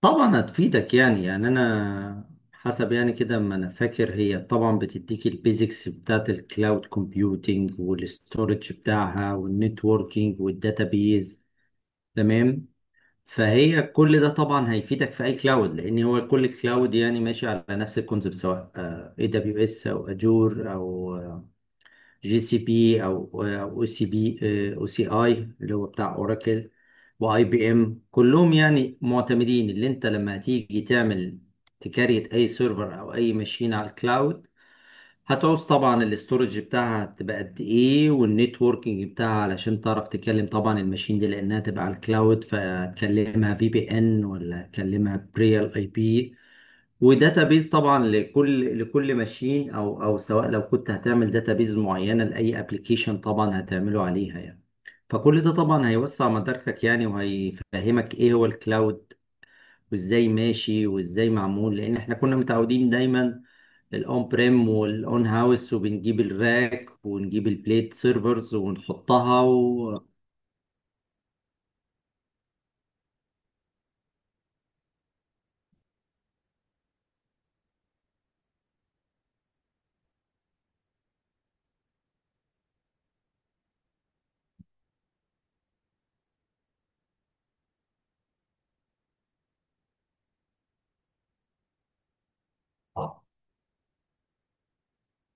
طبعا هتفيدك. يعني انا حسب يعني كده ما انا فاكر. هي طبعا بتديك البيزكس بتاعت الكلاود كومبيوتينج والاستورج بتاعها والنتوركينج والداتابيز. تمام. فهي كل ده طبعا هيفيدك في اي كلاود، لان هو كل كلاود يعني ماشي على نفس الكونسيبت، سواء اي دبليو اس او اجور او جي سي بي او او سي بي او سي اي اللي هو بتاع اوراكل واي بي ام. كلهم يعني معتمدين. اللي انت لما هتيجي تعمل تكاريت اي سيرفر او اي ماشين على الكلاود، هتعوز طبعا الاستورج بتاعها هتبقى قد ايه، والنتوركينج بتاعها علشان تعرف تكلم طبعا الماشين دي، لانها تبقى على الكلاود، فتكلمها في بي ان ولا تكلمها بريال اي بي. وداتابيز طبعا لكل ماشين او سواء لو كنت هتعمل داتابيز معينه لاي ابلكيشن طبعا هتعمله عليها يعني. فكل ده طبعا هيوسع مداركك يعني، وهيفهمك ايه هو الكلاود، وازاي ماشي وازاي معمول. لان احنا كنا متعودين دايما الاون بريم والاون هاوس، وبنجيب الراك ونجيب البليت سيرفرز ونحطها و...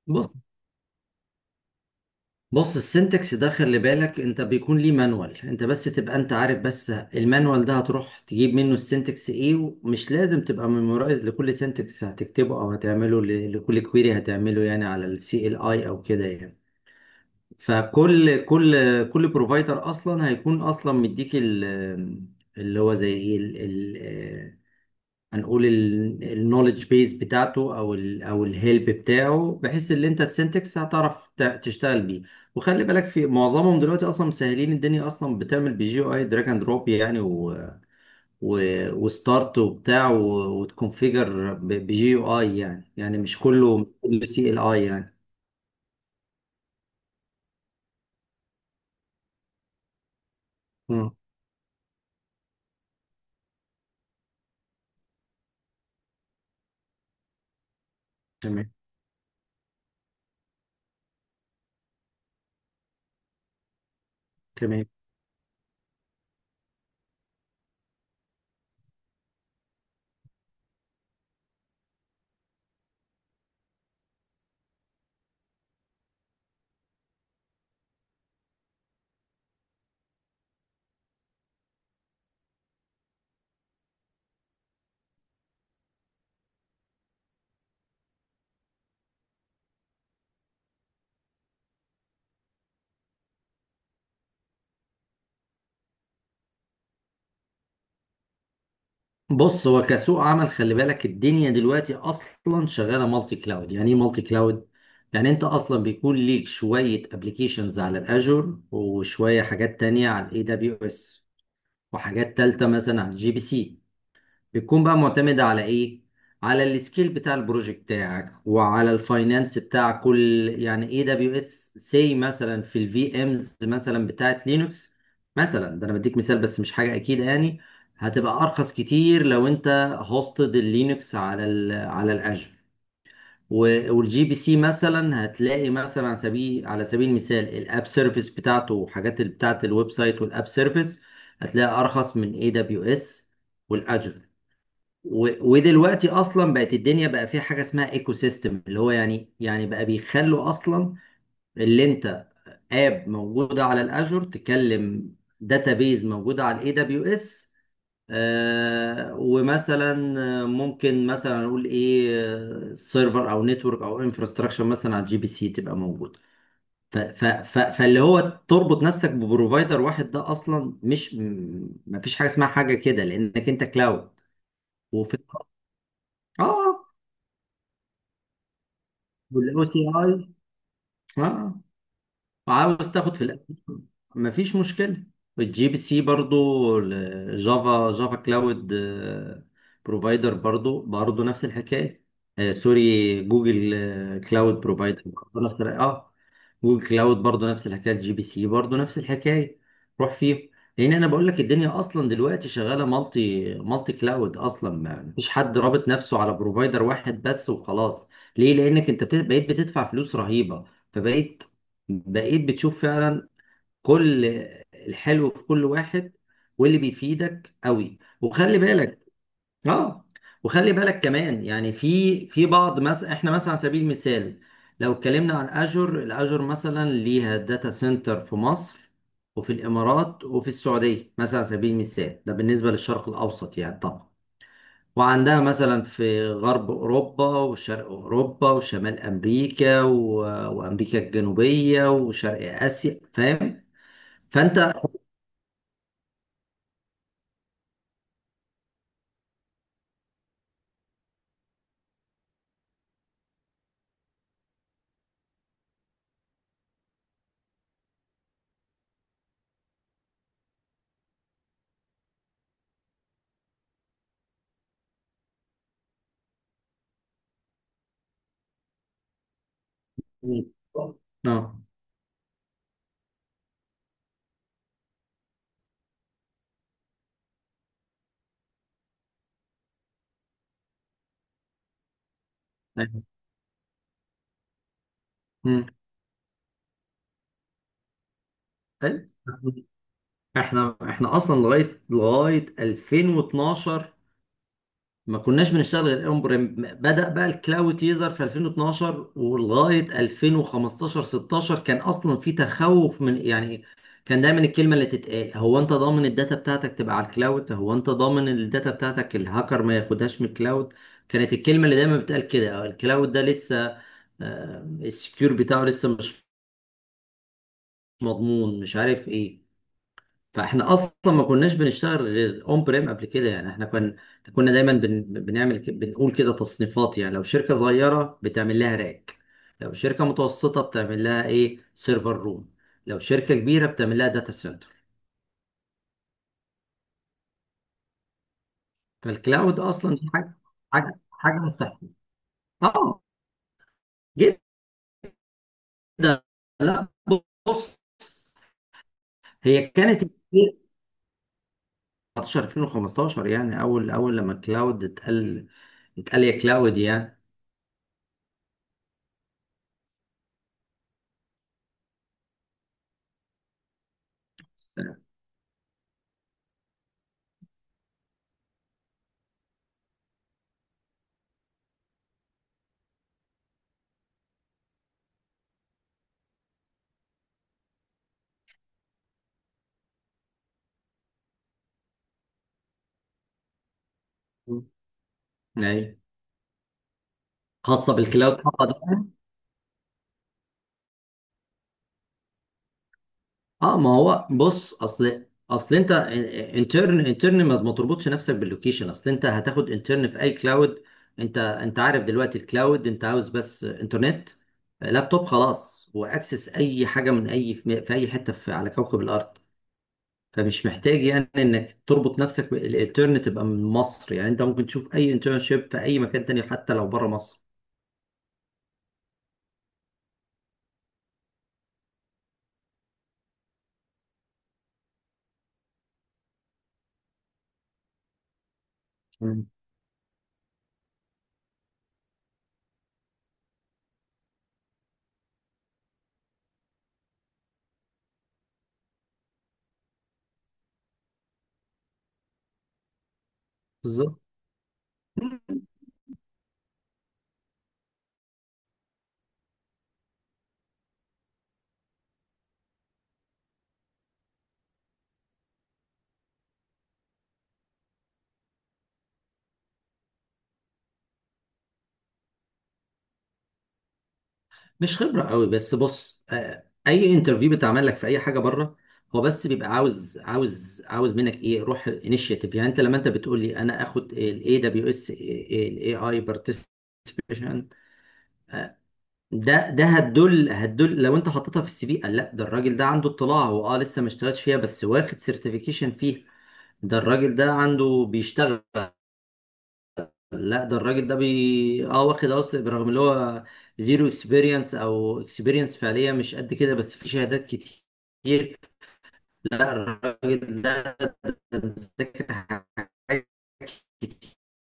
بص. بص، السنتكس ده خلي بالك انت بيكون ليه مانوال، انت بس تبقى انت عارف، بس المانوال ده هتروح تجيب منه السنتكس ايه. ومش لازم تبقى ميمورايز لكل سنتكس هتكتبه او هتعمله لكل كويري هتعمله يعني، على السي ال اي او كده يعني. فكل كل كل بروفايدر اصلا هيكون اصلا مديك اللي هو زي ايه هنقول النولج بيز بتاعته او ال او الهيلب بتاعه، بحيث ان انت السنتكس هتعرف تشتغل بيه. وخلي بالك في معظمهم دلوقتي اصلا مسهلين الدنيا، اصلا بتعمل بجي او اي دراج اند دروب يعني، و وستارت وبتاع وتكونفيجر بجي او اي يعني، يعني مش كله، مش كله سي ال اي يعني. مم. تمام. تمام. بص هو كسوق عمل خلي بالك الدنيا دلوقتي اصلا شغاله مالتي كلاود. يعني ايه مالتي كلاود؟ يعني انت اصلا بيكون ليك شويه ابلكيشنز على الاجور، وشويه حاجات تانية على الاي دبليو اس، وحاجات تالتة مثلا على الجي بي سي. بتكون بقى معتمدة على ايه؟ على السكيل بتاع البروجكت بتاعك، وعلى الفاينانس بتاع كل يعني اي دبليو اس سي مثلا، في الفي امز مثلا بتاعت لينكس مثلا. ده انا بديك مثال بس، مش حاجة اكيد يعني. هتبقى ارخص كتير لو انت هوستد اللينكس على ال على الاجر والجي بي سي مثلا. هتلاقي مثلا على سبيل، على سبيل المثال، الاب سيرفيس بتاعته وحاجات بتاعت الويب سايت والاب سيرفيس هتلاقي ارخص من اي دبليو اس والاجر. ودلوقتي اصلا بقت الدنيا بقى فيها حاجه اسمها ايكو سيستم، اللي هو يعني يعني بقى بيخلوا اصلا اللي انت اب موجوده على الاجر تكلم داتابيز موجوده على الاي دبليو اس، ومثلا ممكن مثلا نقول ايه سيرفر او نتورك او انفراستراكشر مثلا على الجي بي سي تبقى موجوده. ف- ف- فاللي هو تربط نفسك ببروفايدر واحد ده اصلا مش، ما فيش حاجه اسمها حاجه كده، لانك انت كلاود. وفي. اه. والاو سي اي. اه. عاوز تاخد في الأساس. مفيش مشكله. الجي بي سي برضو، الجافا جافا كلاود بروفايدر برضو، برضو نفس الحكايه. آه سوري، جوجل كلاود بروفايدر برضو نفس الحكاية. اه. وكلاود برضو نفس الحكايه. الجي بي سي برضو نفس الحكايه. روح فيه. لان انا بقول لك الدنيا اصلا دلوقتي شغاله مالتي كلاود اصلا. ما مفيش حد رابط نفسه على بروفايدر واحد بس وخلاص. ليه؟ لانك انت بقيت بتدفع فلوس رهيبه. فبقيت، بقيت بتشوف فعلا كل الحلو في كل واحد، واللي بيفيدك قوي. وخلي بالك. اه. وخلي بالك كمان يعني، في في بعض مثلا احنا، مثلا على سبيل المثال لو اتكلمنا عن اجر، الاجر مثلا ليها داتا سنتر في مصر وفي الامارات وفي السعوديه مثلا، على سبيل المثال، ده بالنسبه للشرق الاوسط يعني طبعا. وعندها مثلا في غرب اوروبا وشرق اوروبا وشمال امريكا و... وامريكا الجنوبيه وشرق اسيا. فاهم؟ فانت اه. أيوة. مم. أيوة. احنا اصلا لغايه 2012 ما كناش بنشتغل غير اون بريم. بدأ بقى الكلاود يظهر في 2012، ولغايه 2015 16، كان اصلا في تخوف من يعني. كان دايما الكلمه اللي تتقال: هو انت ضامن الداتا بتاعتك تبقى على الكلاود؟ هو انت ضامن الداتا بتاعتك الهاكر ما ياخدهاش من الكلاود؟ كانت الكلمه اللي دايما بتقال كده. الكلاود ده لسه السكيور بتاعه لسه مش مضمون، مش عارف ايه. فاحنا اصلا ما كناش بنشتغل غير اون بريم قبل كده يعني. احنا كنا دايما بنعمل بنقول كده تصنيفات يعني. لو شركه صغيره بتعمل لها راك، لو شركه متوسطه بتعمل لها ايه سيرفر روم، لو شركه كبيره بتعمل لها داتا سنتر. فالكلاود اصلا دي حاجه، حاجه مستحيله. اه جدا. لا، بص، هي كانت 19 2015 يعني، اول اول لما الكلاود اتقال، اتقال يا كلاود يعني. ايوه. خاصه بالكلاود خاصة ده. اه، ما هو بص اصل انت انترن، انترن ما تربطش نفسك باللوكيشن، اصل انت هتاخد انترن في اي كلاود. انت عارف دلوقتي الكلاود انت عاوز بس انترنت، لابتوب، خلاص، واكسس اي حاجه من اي في اي حته في على كوكب الارض. فمش محتاج يعني انك تربط نفسك بالانترن تبقى من مصر يعني. انت ممكن تشوف اي انترنشيب في اي مكان تاني حتى لو بره مصر. مم. بالظبط. مش خبرة قوي بس، بص اي انترفيو بيتعمل لك في اي حاجة بره هو بس بيبقى عاوز، عاوز منك ايه؟ روح انيشيتيف. يعني انت لما انت بتقول لي انا اخد الاي دبليو اس الاي اي بارتيسيبيشن، ده هتدل لو انت حطيتها في السي في، قال: لا، ده الراجل ده عنده اطلاع، هو اه لسه ما اشتغلش فيها بس واخد سيرتيفيكيشن فيها. ده الراجل ده عنده بيشتغل. لا، ده الراجل ده بي اه واخد اصلا، برغم اللي هو زيرو اكسبيرينس او اكسبيرينس فعليا مش قد كده، بس في شهادات كتير. لا الراجل ده مذاكر حاجات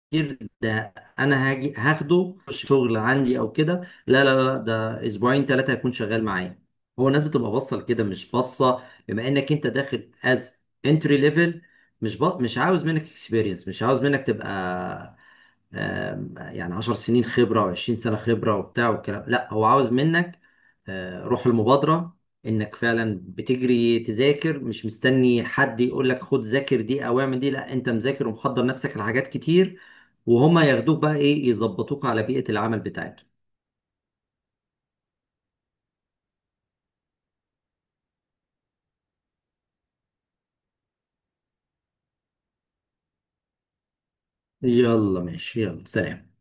كتير، ده انا هاجي هاخده شغل عندي او كده. لا لا لا، ده اسبوعين ثلاثة هيكون شغال معايا. هو الناس بتبقى باصه لكده، مش باصه بما انك انت داخل از انتري ليفل. مش عاوز منك اكسبيرينس، مش عاوز منك تبقى يعني 10 سنين خبرة و20 سنة خبرة وبتاع والكلام. لا هو عاوز منك روح المبادرة. انك فعلا بتجري تذاكر، مش مستني حد يقول لك خد ذاكر دي او اعمل دي. لا انت مذاكر ومحضر نفسك لحاجات كتير. وهما ياخدوك بقى ايه؟ يظبطوك على بيئة العمل بتاعتهم. يلا ماشي، يلا سلام.